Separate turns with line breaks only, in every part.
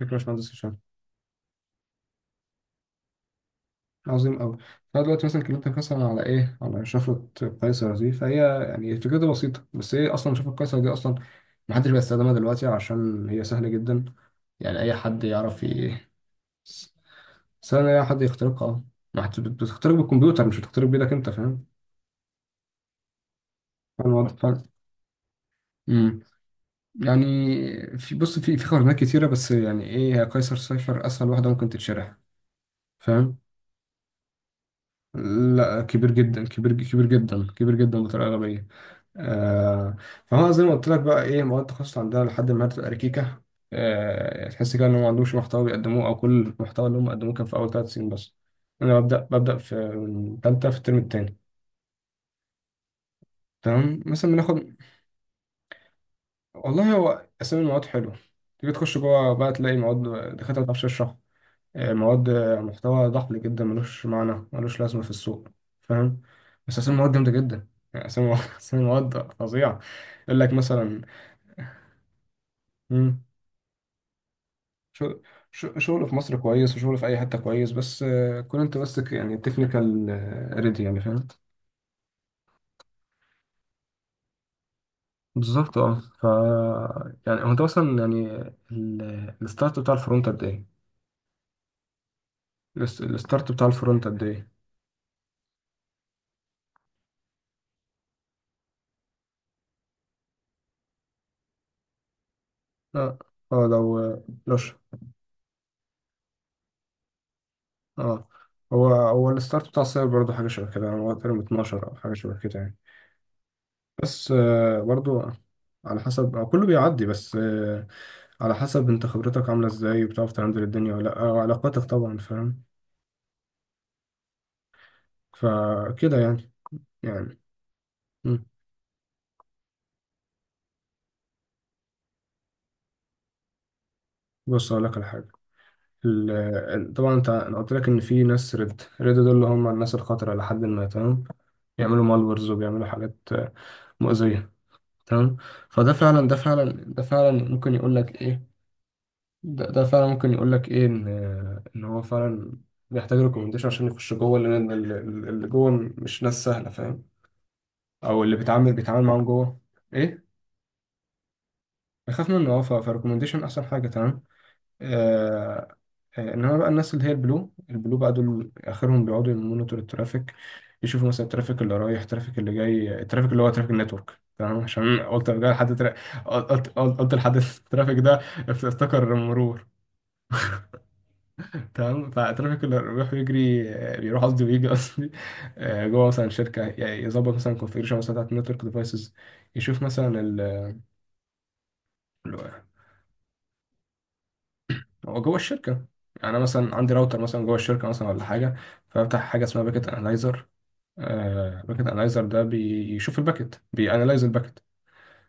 فكرة يا باشمهندس هشام. عظيم أوي. فأنا دلوقتي مثلا كلمتك مثلا على إيه؟ على شفرة قيصر دي، فهي يعني فكرتها بسيطة. بس هي أصلا شفرة قيصر دي أصلا محدش بيستخدمها دلوقتي عشان هي سهلة جدا. يعني أي حد يعرف سهل أي حد يخترقها. أه، ما حد- بتخترق بالكمبيوتر، مش بتخترق بإيدك. أنت فاهم؟ فاهم الوضع؟ فاهم؟ أمم. يعني في بص في في خرائط كتيرة، بس يعني إيه، هي قيصر صفر أسهل واحدة ممكن تتشرح. فاهم؟ لا، كبير جدا، كبير، كبير جدا، كبير جدا بطريقة غبية. آه، فهو زي ما قلت لك بقى، ايه، مواد التخصص عندنا لحد ما بتبقى ركيكه. تحس كده ان هم ما عندهمش محتوى بيقدموه، او كل المحتوى اللي هم قدموه كان في اول ثلاث سنين بس. انا ببدا في من ثالثه في الترم الثاني. تمام، مثلا بناخد. والله هو اسامي المواد حلوه، تيجي تخش جوه بقى تلاقي مواد، دكاتره ما بتعرفش تشرح. مواد، محتوى ضحل جدا، ملوش معنى، ملوش لازمه في السوق. فاهم. بس اسامي المواد جامده جدا. يعني اسامي اسامي المواد فظيعه. يقول لك مثلا. شغل، شغل في مصر كويس وشغل في اي حته كويس، بس كون انت ماسك يعني تكنيكال ريدي، يعني فاهم. بالظبط، اه. ف يعني هو انت اصلا يعني الستارت بتاع الفرونت قد ايه؟ الستارت بتاع الفرونت قد ايه؟ اه، اه، لو، لو ش- اه، هو الستارت بتاع السايبر برضه حاجه شبه كده، يعني هو تقريبا 12 او حاجه شبه كده يعني. بس برضه على حسب، كله بيعدي، بس على حسب انت خبرتك عامله ازاي، وبتعرف تهندل الدنيا ولا لا، وعلاقاتك طبعا، فاهم. فكده يعني. يعني. مم. بص أقول لك على حاجة. طبعا انت انا قلت لك ان في ناس ريد، ريد دول اللي هم الناس الخطرة، لحد ما تمام. بيعملوا مالورز وبيعملوا حاجات مؤذية. تمام. فده فعلا ممكن يقول لك ايه، ده فعلا ممكن يقول لك ايه، ان ان هو فعلا بيحتاج ريكومنديشن عشان يخش جوه، لان اللي جوه مش ناس سهلة، فاهم. او اللي بيتعامل معاهم جوه. ايه. بيخاف منه، اه، فريكومنديشن احسن حاجة. تمام. آه، انما بقى الناس اللي هي البلو بقى، دول اخرهم بيقعدوا يمونيتور الترافيك. يشوفوا مثلا الترافيك اللي رايح، الترافيك اللي جاي، الترافيك اللي هو ترافيك نتورك. تمام. عشان قلت جاي لحد قلت لحد الترافيك ده. افتكر مرور. تمام. فالترافيك اللي بيروح يجري، بيروح قصدي، ويجي قصدي، جوه مثلا شركه، يعني يظبط مثلا الكونفيجريشن مثلا بتاعت النتورك ديفايسز. يشوف مثلا هو جوه الشركه. يعني انا مثلا عندي راوتر مثلا جوه الشركه مثلا ولا حاجه، فافتح حاجه اسمها باكيت انالايزر. باكت انالايزر ده بيشوف الباكت، بيانالايز الباكت.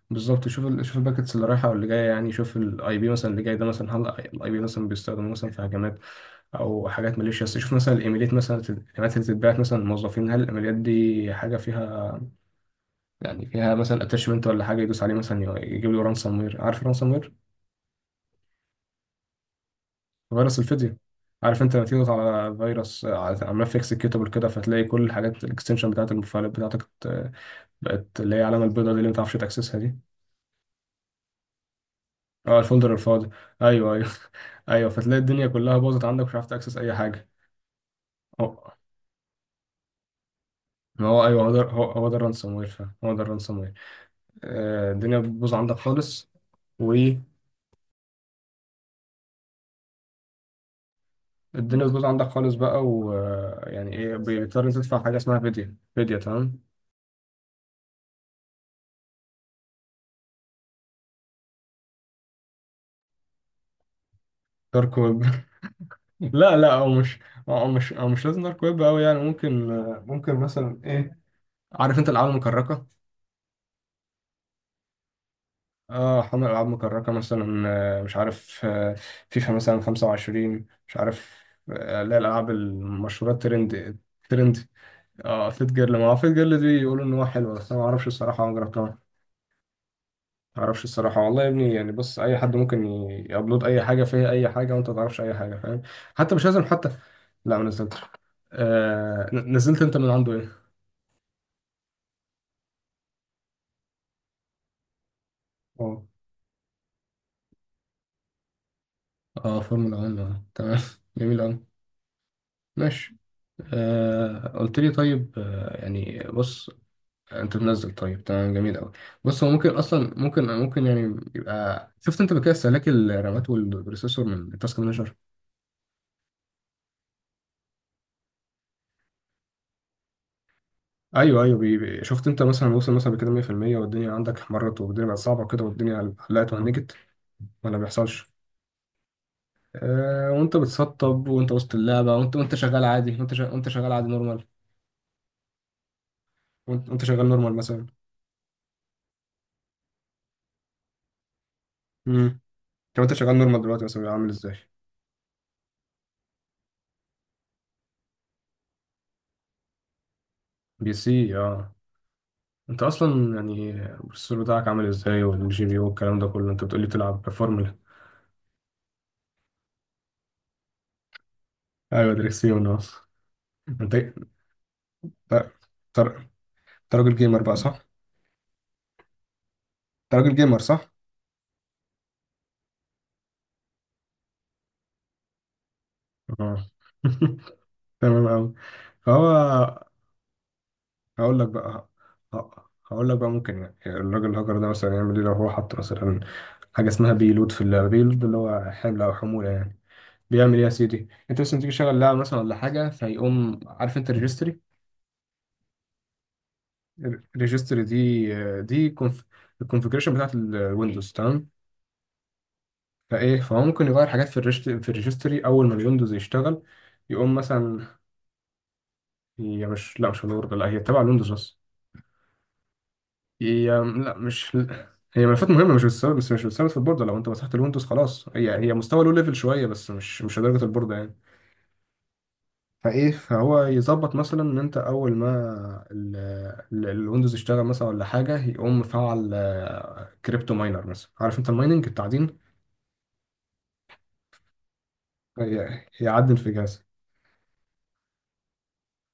بالظبط، يشوف يشوف الباكتس اللي رايحه واللي جايه. يعني يشوف الاي بي مثلا اللي جاي ده مثلا، هل الاي بي مثلا بيستخدم مثلا في هجمات او حاجات ماليشيس. يشوف مثلا الايميلات مثلا، الايميلات اللي بتتبعت مثلا للموظفين، هل الايميلات دي حاجه فيها، يعني فيها مثلا اتاشمنت ولا حاجه يدوس عليه مثلا يجيب له رانسوم وير. عارف الرانسوم وير؟ فيروس الفيديو. عارف انت لما تيجي تضغط على فيروس، على ملف اكسكيوتابل كده، فتلاقي كل الحاجات، الاكستنشن بتاعت المفاعلات بتاعتك بقت اللي هي العلامة البيضاء دي اللي ما تعرفش تأكسسها دي. اه، الفولدر الفاضي. ايوه، ايوه. ايوه، فتلاقي الدنيا كلها باظت عندك، مش عارف تأكسس اي حاجة. هو، ما هو ايوه، هو ده، هو ده الرانسوم وير فعلا، هو ده الرانسوم وير. آه، الدنيا بتبوظ عندك خالص، والدنيا بتبوظ عندك خالص بقى، ويعني ايه بيضطر تدفع حاجة اسمها فيديا، فيديا. تمام. دارك ويب. لا لا، او مش لازم دارك ويب قوي يعني. ممكن ممكن مثلا ايه، عارف انت الالعاب المكركه؟ اه، حمل العاب مكركه مثلا. مش عارف، فيفا مثلا 25، مش عارف، لا الالعاب المشهوره الترند. ترند، اه. فيت جيرل، ما هو فيت جيرل دي يقولوا ان هو حلو، بس انا ما اعرفش الصراحه، ما جربتها. ما اعرفش الصراحه والله يا ابني يعني. بص، اي حد ممكن يابلود اي حاجه، فيها اي حاجه وانت ما تعرفش اي حاجه، فاهم. حتى مش لازم حتى. لا، ما نزلتش. آه، نزلت انت من عنده ايه؟ اه، اه، فورمولا 1، تمام. جميل قوي. ماشي. آه، قلت لي طيب، آه يعني بص، انت منزل، طيب تمام، جميل قوي. بص هو ممكن اصلا، ممكن ممكن يعني، يبقى شفت انت بكده استهلاك الرامات والبروسيسور من التاسك مانجر. ايوه، ايوه، شفت انت مثلا وصل مثلا بكده 100%، والدنيا عندك احمرت، والدنيا بقت صعبه كده، والدنيا حلقت وهنجت ولا ما بيحصلش. آه، وانت بتسطب، وانت وسط اللعبه، وانت شغال عادي، وانت شغال عادي نورمال. وانت شغال نورمال مثلا. امم. طب انت شغال نورمال دلوقتي مثلا بيبقى عامل ازاي؟ بي سي، اه. انت اصلا يعني البروسيسور بتاعك عامل ازاي، والجي بي يو، والكلام ده كله، انت بتقولي بتلعب فورمولا. ايوه، دريكسيون اصلا. انت انت انت راجل جيمر بقى، صح؟ انت راجل جيمر، صح؟ اه. تمام أوي. فهو، هقول لك بقى، ه- هقول لك بقى ممكن يعني الراجل الهاكر ده مثلا يعمل ايه لو هو حط مثلا حاجة اسمها بيلود في اللعبة. بيلود ده اللي هو حمل أو حمولة يعني. بيعمل إيه يا سيدي؟ أنت مثلا تيجي تشغل لعبة مثلا ولا حاجة، فيقوم، عارف أنت الريجستري؟ ريجستري دي، دي الكونفجريشن بتاعت الويندوز تمام. فايه، فهو ممكن يغير حاجات في في الريجستري اول ما الويندوز يشتغل، يقوم مثلا. هي مش، لا مش الورد، لا هي تبع الويندوز بس. هي لا مش، هي ملفات مهمه، مش بتثبت، بس مش بتثبت في البورده. لو انت مسحت الويندوز خلاص هي، هي مستوى لو ليفل شويه، بس مش، مش لدرجه البورده يعني. فايه، فهو يظبط مثلا ان انت اول ما الويندوز يشتغل مثلا ولا حاجه، يقوم مفعل كريبتو ماينر مثلا. عارف انت المايننج، التعدين؟ هيعدل في جهاز.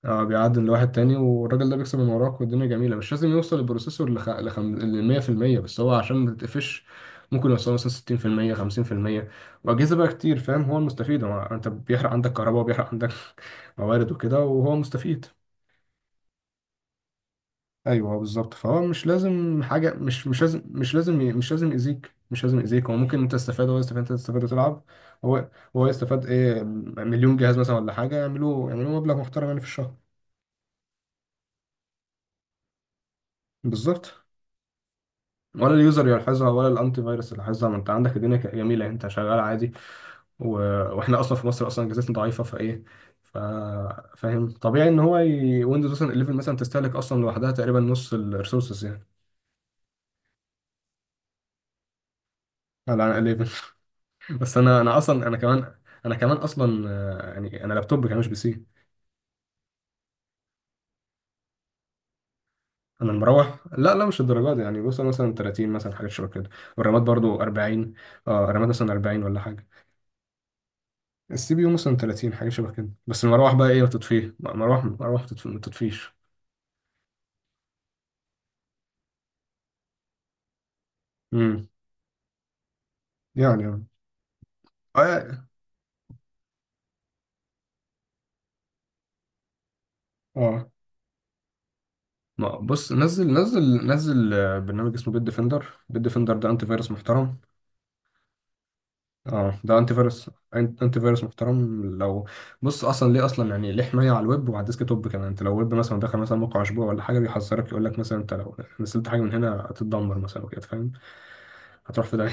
اه، بيعدل لواحد تاني، والراجل ده بيكسب من وراك، والدنيا جميله. مش لازم يوصل البروسيسور ل 100%، بس هو عشان ما تتقفش ممكن يوصل مثلا 60%، 50%، واجهزه بقى كتير، فاهم. هو المستفيد، هو، انت بيحرق عندك كهرباء، وبيحرق عندك موارد وكده، وهو مستفيد. ايوه، بالظبط. فهو مش لازم حاجه، مش لازم يأذيك، مش لازم يأذيك. هو ممكن انت تستفاد، هو يستفاد، انت تستفاد وتلعب. هو هو يستفاد ايه، مليون جهاز مثلا ولا حاجه، يعملوا، يعملوا مبلغ محترم يعني في الشهر. بالظبط. ولا اليوزر يلاحظها، ولا الانتي فيروس يلاحظها، ما انت عندك الدنيا جميله، انت شغال عادي. و... واحنا اصلا في مصر اصلا اجهزتنا ضعيفه، فايه، ف... فاهم، طبيعي ان هو ويندوز مثلا 11 مثلا تستهلك اصلا لوحدها تقريبا نص الريسورسز يعني. على 11. بس انا، انا اصلا انا كمان، انا كمان اصلا يعني انا لابتوب كمان مش بي سي. انا مروح، لا لا مش الدرجات دي يعني، بوصل مثلا 30 مثلا، حاجات شبه كده. والرامات برضو 40. اه، الرامات مثلا 40 ولا حاجه. السي بي يو مثلا 30، حاجه شبه كده. بس المروح بقى ايه، وتطفيه مروح، مروح، ما تطفيش. امم. يعني اه. اه. آه. ما بص، نزل، نزل، نزل برنامج اسمه بيت ديفندر. بيت ديفندر ده انتي فيروس محترم. اه ده انتي فيروس، انتي فيروس محترم. لو بص اصلا ليه، اصلا يعني ليه حمايه على الويب وعلى الديسك توب كمان. انت لو ويب مثلا، دخل مثلا موقع اسبوع ولا حاجه، بيحذرك يقول لك مثلا انت لو نزلت حاجه من هنا هتتدمر مثلا وكده، فاهم. هتروح في ده.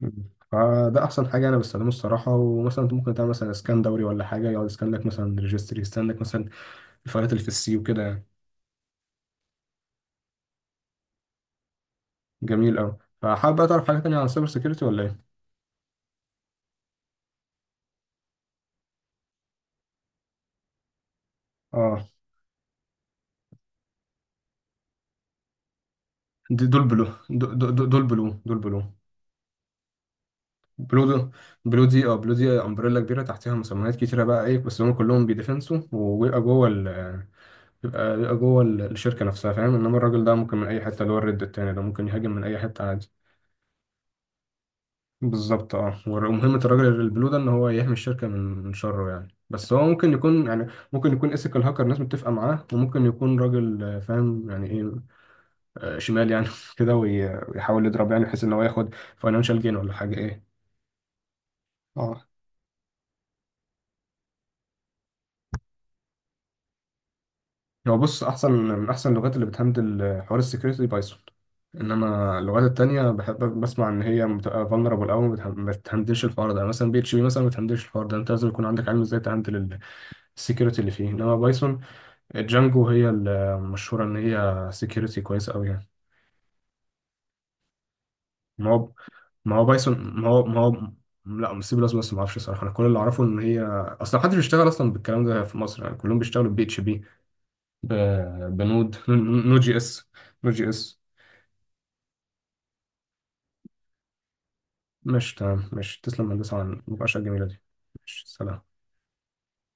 مم. فده احسن حاجه انا بستخدمه الصراحه. ومثلا انت ممكن تعمل مثلا اسكان دوري ولا حاجه، يقعد يسكان لك مثلا ريجستري، يسكان لك مثلا الفايلات اللي في السي وكده يعني. جميل قوي. فحابب بقى تعرف حاجه تانية عن السايبر سيكيورتي ولا ايه؟ اه، دي دول بلو. دول بلو، دول بلو. بلو دو، بلو دي، اه، بلو دي امبريلا كبيره، تحتها مسميات كتيره بقى ايه، بس هم كلهم بيدفنسوا، وبيبقى جوه ال، بيبقى جوه الشركه نفسها، فاهم. انما الراجل ده ممكن من اي حته، اللي هو الريد التاني ده ممكن يهاجم من اي حته عادي. بالظبط، اه. ومهمة الراجل البلو ده ان هو يحمي الشركة من شره يعني. بس هو ممكن يكون يعني، ممكن يكون ايثيكال هاكر، الناس متفقة معاه. وممكن يكون راجل فاهم يعني ايه، شمال يعني كده، ويحاول يضرب يعني، بحيث ان هو ياخد فاينانشال جين ولا حاجة، ايه. اه. هو بص، احسن من احسن اللغات اللي بتهندل حوار السكيورتي بايثون. انما اللغات التانية بحب بسمع ان هي بتبقى فولنربل قوي، ما بتهندلش الحوار ده يعني. مثلا بي اتش بي مثلا ما بتهندلش الحوار ده، انت لازم يكون عندك علم ازاي تهندل السكيورتي اللي فيه. انما بايثون جانجو هي المشهورة إن هي سكيورتي كويس أوي يعني. ما هو ما هو بايثون، ما هو لا مش سي بلس بلس، ما أعرفش صراحة. أنا كل اللي أعرفه إن هي أصلا محدش بيشتغل أصلا بالكلام ده في مصر، يعني كلهم بيشتغلوا بي اتش بي. بنود نو جي اس، نو جي اس. مش تمام؟ مش تسلم يا هندسة على المناقشة الجميلة دي. مش سلام.